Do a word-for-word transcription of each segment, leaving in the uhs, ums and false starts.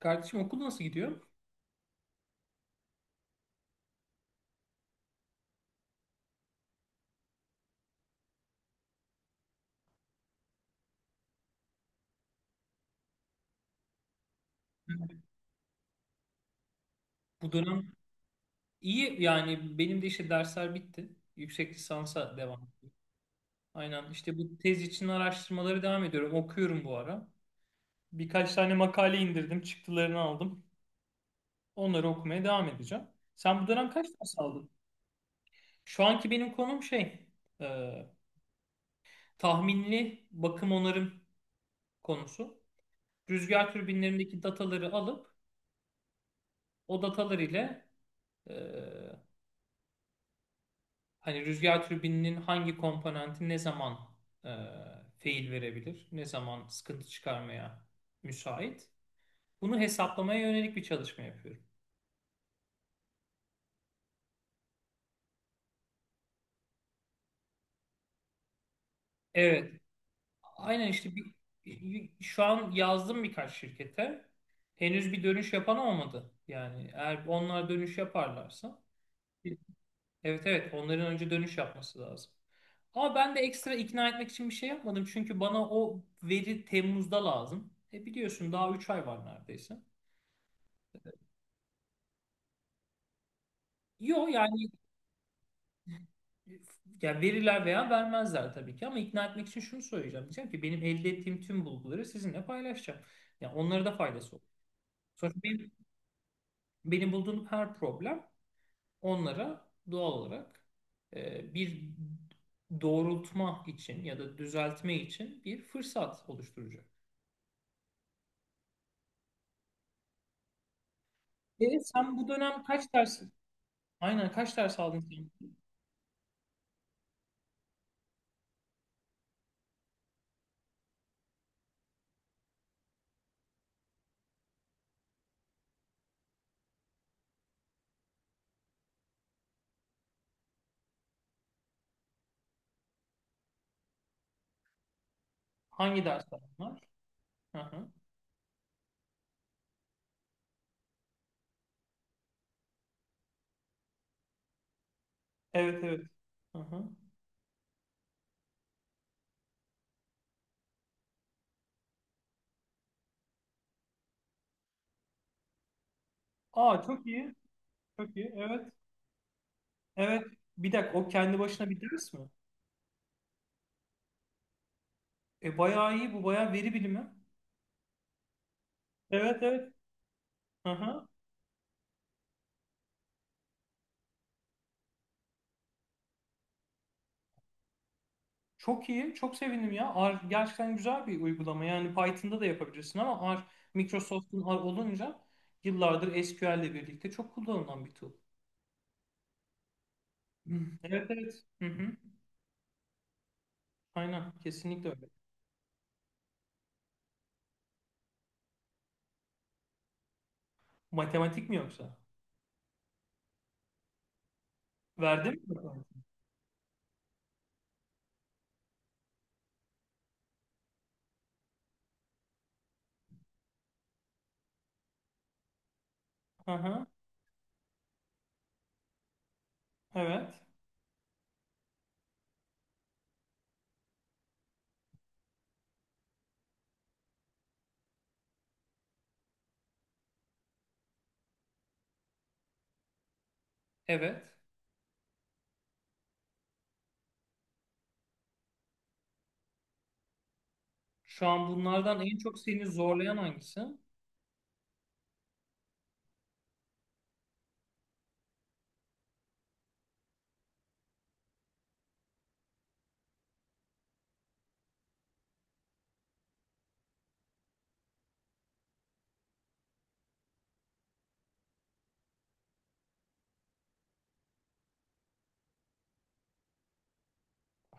Kardeşim okul nasıl gidiyor? Bu dönem iyi yani benim de işte dersler bitti. Yüksek lisansa devam ediyorum. Aynen işte bu tez için araştırmaları devam ediyorum. Okuyorum bu ara. Birkaç tane makale indirdim. Çıktılarını aldım. Onları okumaya devam edeceğim. Sen bu dönem kaç ders aldın? Şu anki benim konum şey e, tahminli bakım onarım konusu. Rüzgar türbinlerindeki dataları alıp o datalar ile e, hani rüzgar türbininin hangi komponenti ne zaman e, fail verebilir, ne zaman sıkıntı çıkarmaya müsait. Bunu hesaplamaya yönelik bir çalışma yapıyorum. Evet, aynen işte bir, bir- şu an yazdım birkaç şirkete. Henüz bir dönüş yapan olmadı. Yani eğer onlar dönüş yaparlarsa, evet evet onların önce dönüş yapması lazım. Ama ben de ekstra ikna etmek için bir şey yapmadım. Çünkü bana o veri Temmuz'da lazım. E biliyorsun daha üç ay var neredeyse. Yok yani, yani verirler veya vermezler tabii ki ama ikna etmek için şunu söyleyeceğim. Diyeceğim ki benim elde ettiğim tüm bulguları sizinle paylaşacağım. Yani onlara da faydası olur. Sonuçta benim, benim bulduğum her problem onlara doğal olarak e, bir doğrultma için ya da düzeltme için bir fırsat oluşturacak. E, sen bu dönem kaç ders, aynen kaç ders aldın sen? Hangi dersler bunlar? Hı hı. Evet evet. Hı hı. Aa çok iyi. Çok iyi. Evet. Evet. Bir dakika o kendi başına bir ders mi? E bayağı iyi bu, bayağı veri bilimi. Evet evet. Aha. Çok iyi. Çok sevindim ya. R gerçekten güzel bir uygulama. Yani Python'da da yapabilirsin ama R, Microsoft'un R olunca yıllardır S Q L ile birlikte çok kullanılan bir tool. Hı. Evet evet. Hı hı. Aynen. Kesinlikle öyle. Matematik mi yoksa? Verdim mi matematik? Aha. Evet. Evet. Şu an bunlardan en çok seni zorlayan hangisi?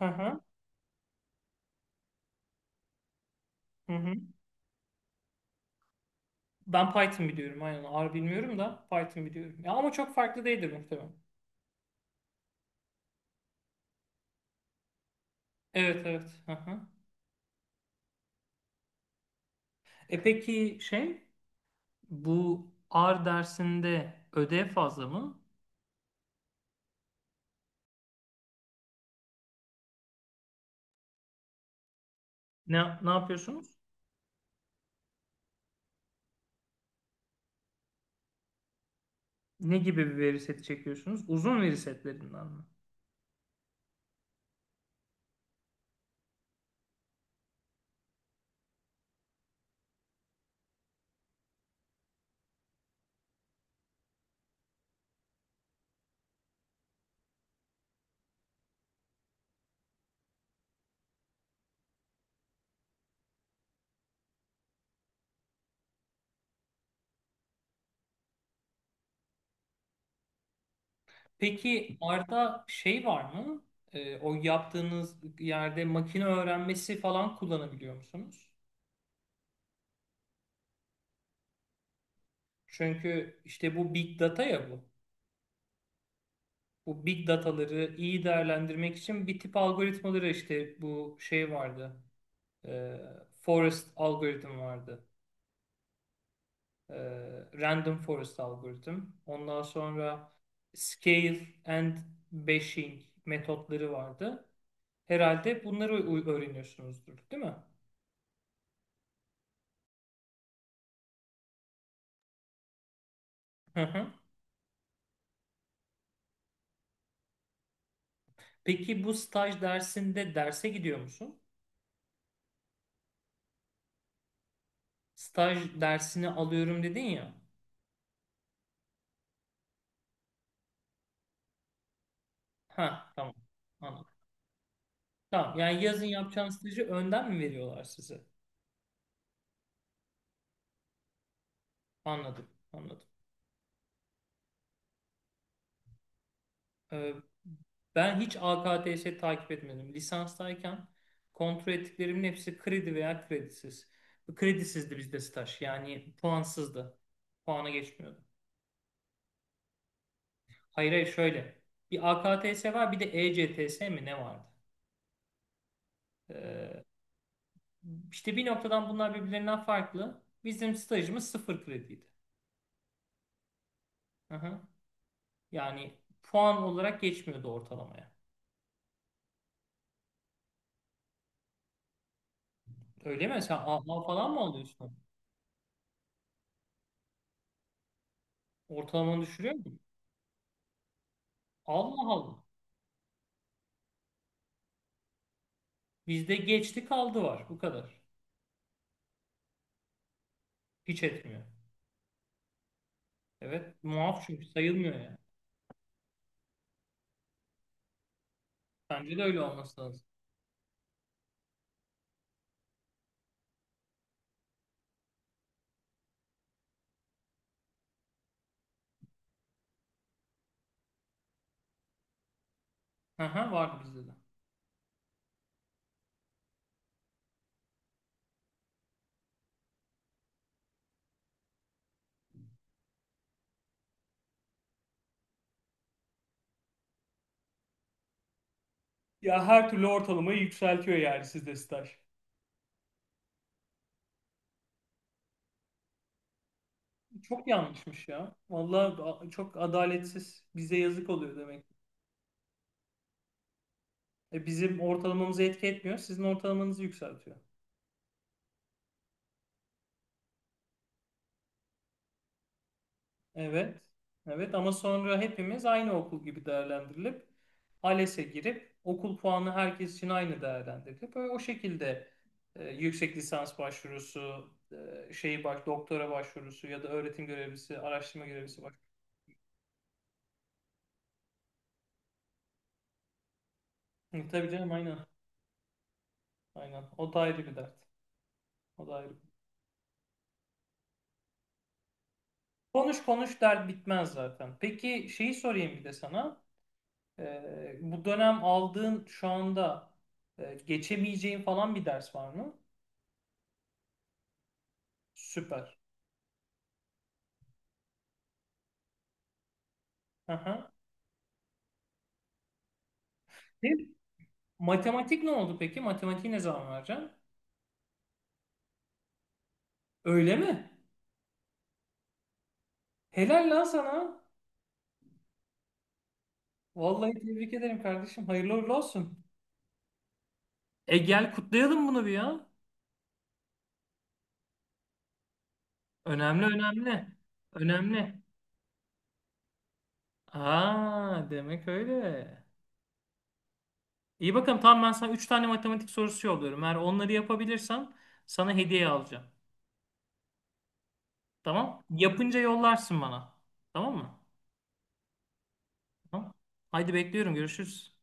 Aha. Hı hı. Ben Python biliyorum aynen. R bilmiyorum da Python biliyorum. Ya ama çok farklı değildir muhtemelen. Evet evet. Aha. E peki şey, bu R dersinde ödev fazla mı? Ne, ne yapıyorsunuz? Ne gibi bir veri seti çekiyorsunuz? Uzun veri setlerinden mi? Peki R'da şey var mı? E, o yaptığınız yerde makine öğrenmesi falan kullanabiliyor musunuz? Çünkü işte bu big data ya bu. Bu big dataları iyi değerlendirmek için bir tip algoritmaları işte bu şey vardı. E, Forest algoritm vardı. E, Random forest algoritm. Ondan sonra scale and bashing metotları vardı. Herhalde bunları u- öğreniyorsunuzdur, değil mi? Hı hı. Peki bu staj dersinde derse gidiyor musun? Staj dersini alıyorum dedin ya. Ha, tamam. Anladım. Tamam. Yani yazın yapacağın stajı önden mi veriyorlar size? Anladım, anladım. Ee, ben hiç A K T S takip etmedim. Lisanstayken kontrol ettiklerimin hepsi kredi veya kredisiz. Kredisizdi bizde staj. Yani puansızdı. Puana geçmiyordu. Hayır hayır şöyle. Bir A K T S var, bir de E C T S mi ne vardı? Ee, işte bir noktadan bunlar birbirlerinden farklı. Bizim stajımız sıfır krediydi. Aha. Yani puan olarak geçmiyordu ortalamaya. Öyle mi? Sen A A falan mı alıyorsun? Ortalamanı düşürüyor mu? Allah Allah. Bizde geçti kaldı var. Bu kadar. Hiç etmiyor. Evet. Muaf çünkü sayılmıyor yani. Bence de öyle olması lazım. Aha, vardı bizde de. Ya her türlü ortalamayı yükseltiyor yani sizde staj. Çok yanlışmış ya. Vallahi a- çok adaletsiz. Bize yazık oluyor demek. E, bizim ortalamamızı etki etmiyor. Sizin ortalamanızı yükseltiyor. Evet. Evet ama sonra hepimiz aynı okul gibi değerlendirilip ALES'e girip okul puanı herkes için aynı değerlendirilip böyle o şekilde e, yüksek lisans başvurusu, e, şey bak, doktora başvurusu ya da öğretim görevlisi, araştırma görevlisi bak. Hı, tabii canım aynen. Aynen. O da ayrı bir dert. O da ayrı. Konuş konuş dert bitmez zaten. Peki şeyi sorayım bir de sana. E, bu dönem aldığın şu anda e, geçemeyeceğin falan bir ders var mı? Süper. Aha. Ne? Matematik ne oldu peki? Matematiği ne zaman vereceksin? Öyle mi? Helal lan sana. Vallahi tebrik ederim kardeşim. Hayırlı uğurlu olsun. E gel kutlayalım bunu bir ya. Önemli önemli. Önemli. Aa demek öyle. İyi bakalım tamam, ben sana üç tane matematik sorusu yolluyorum. Eğer onları yapabilirsem sana hediye alacağım. Tamam? Yapınca yollarsın bana. Tamam mı? Tamam. Haydi bekliyorum. Görüşürüz.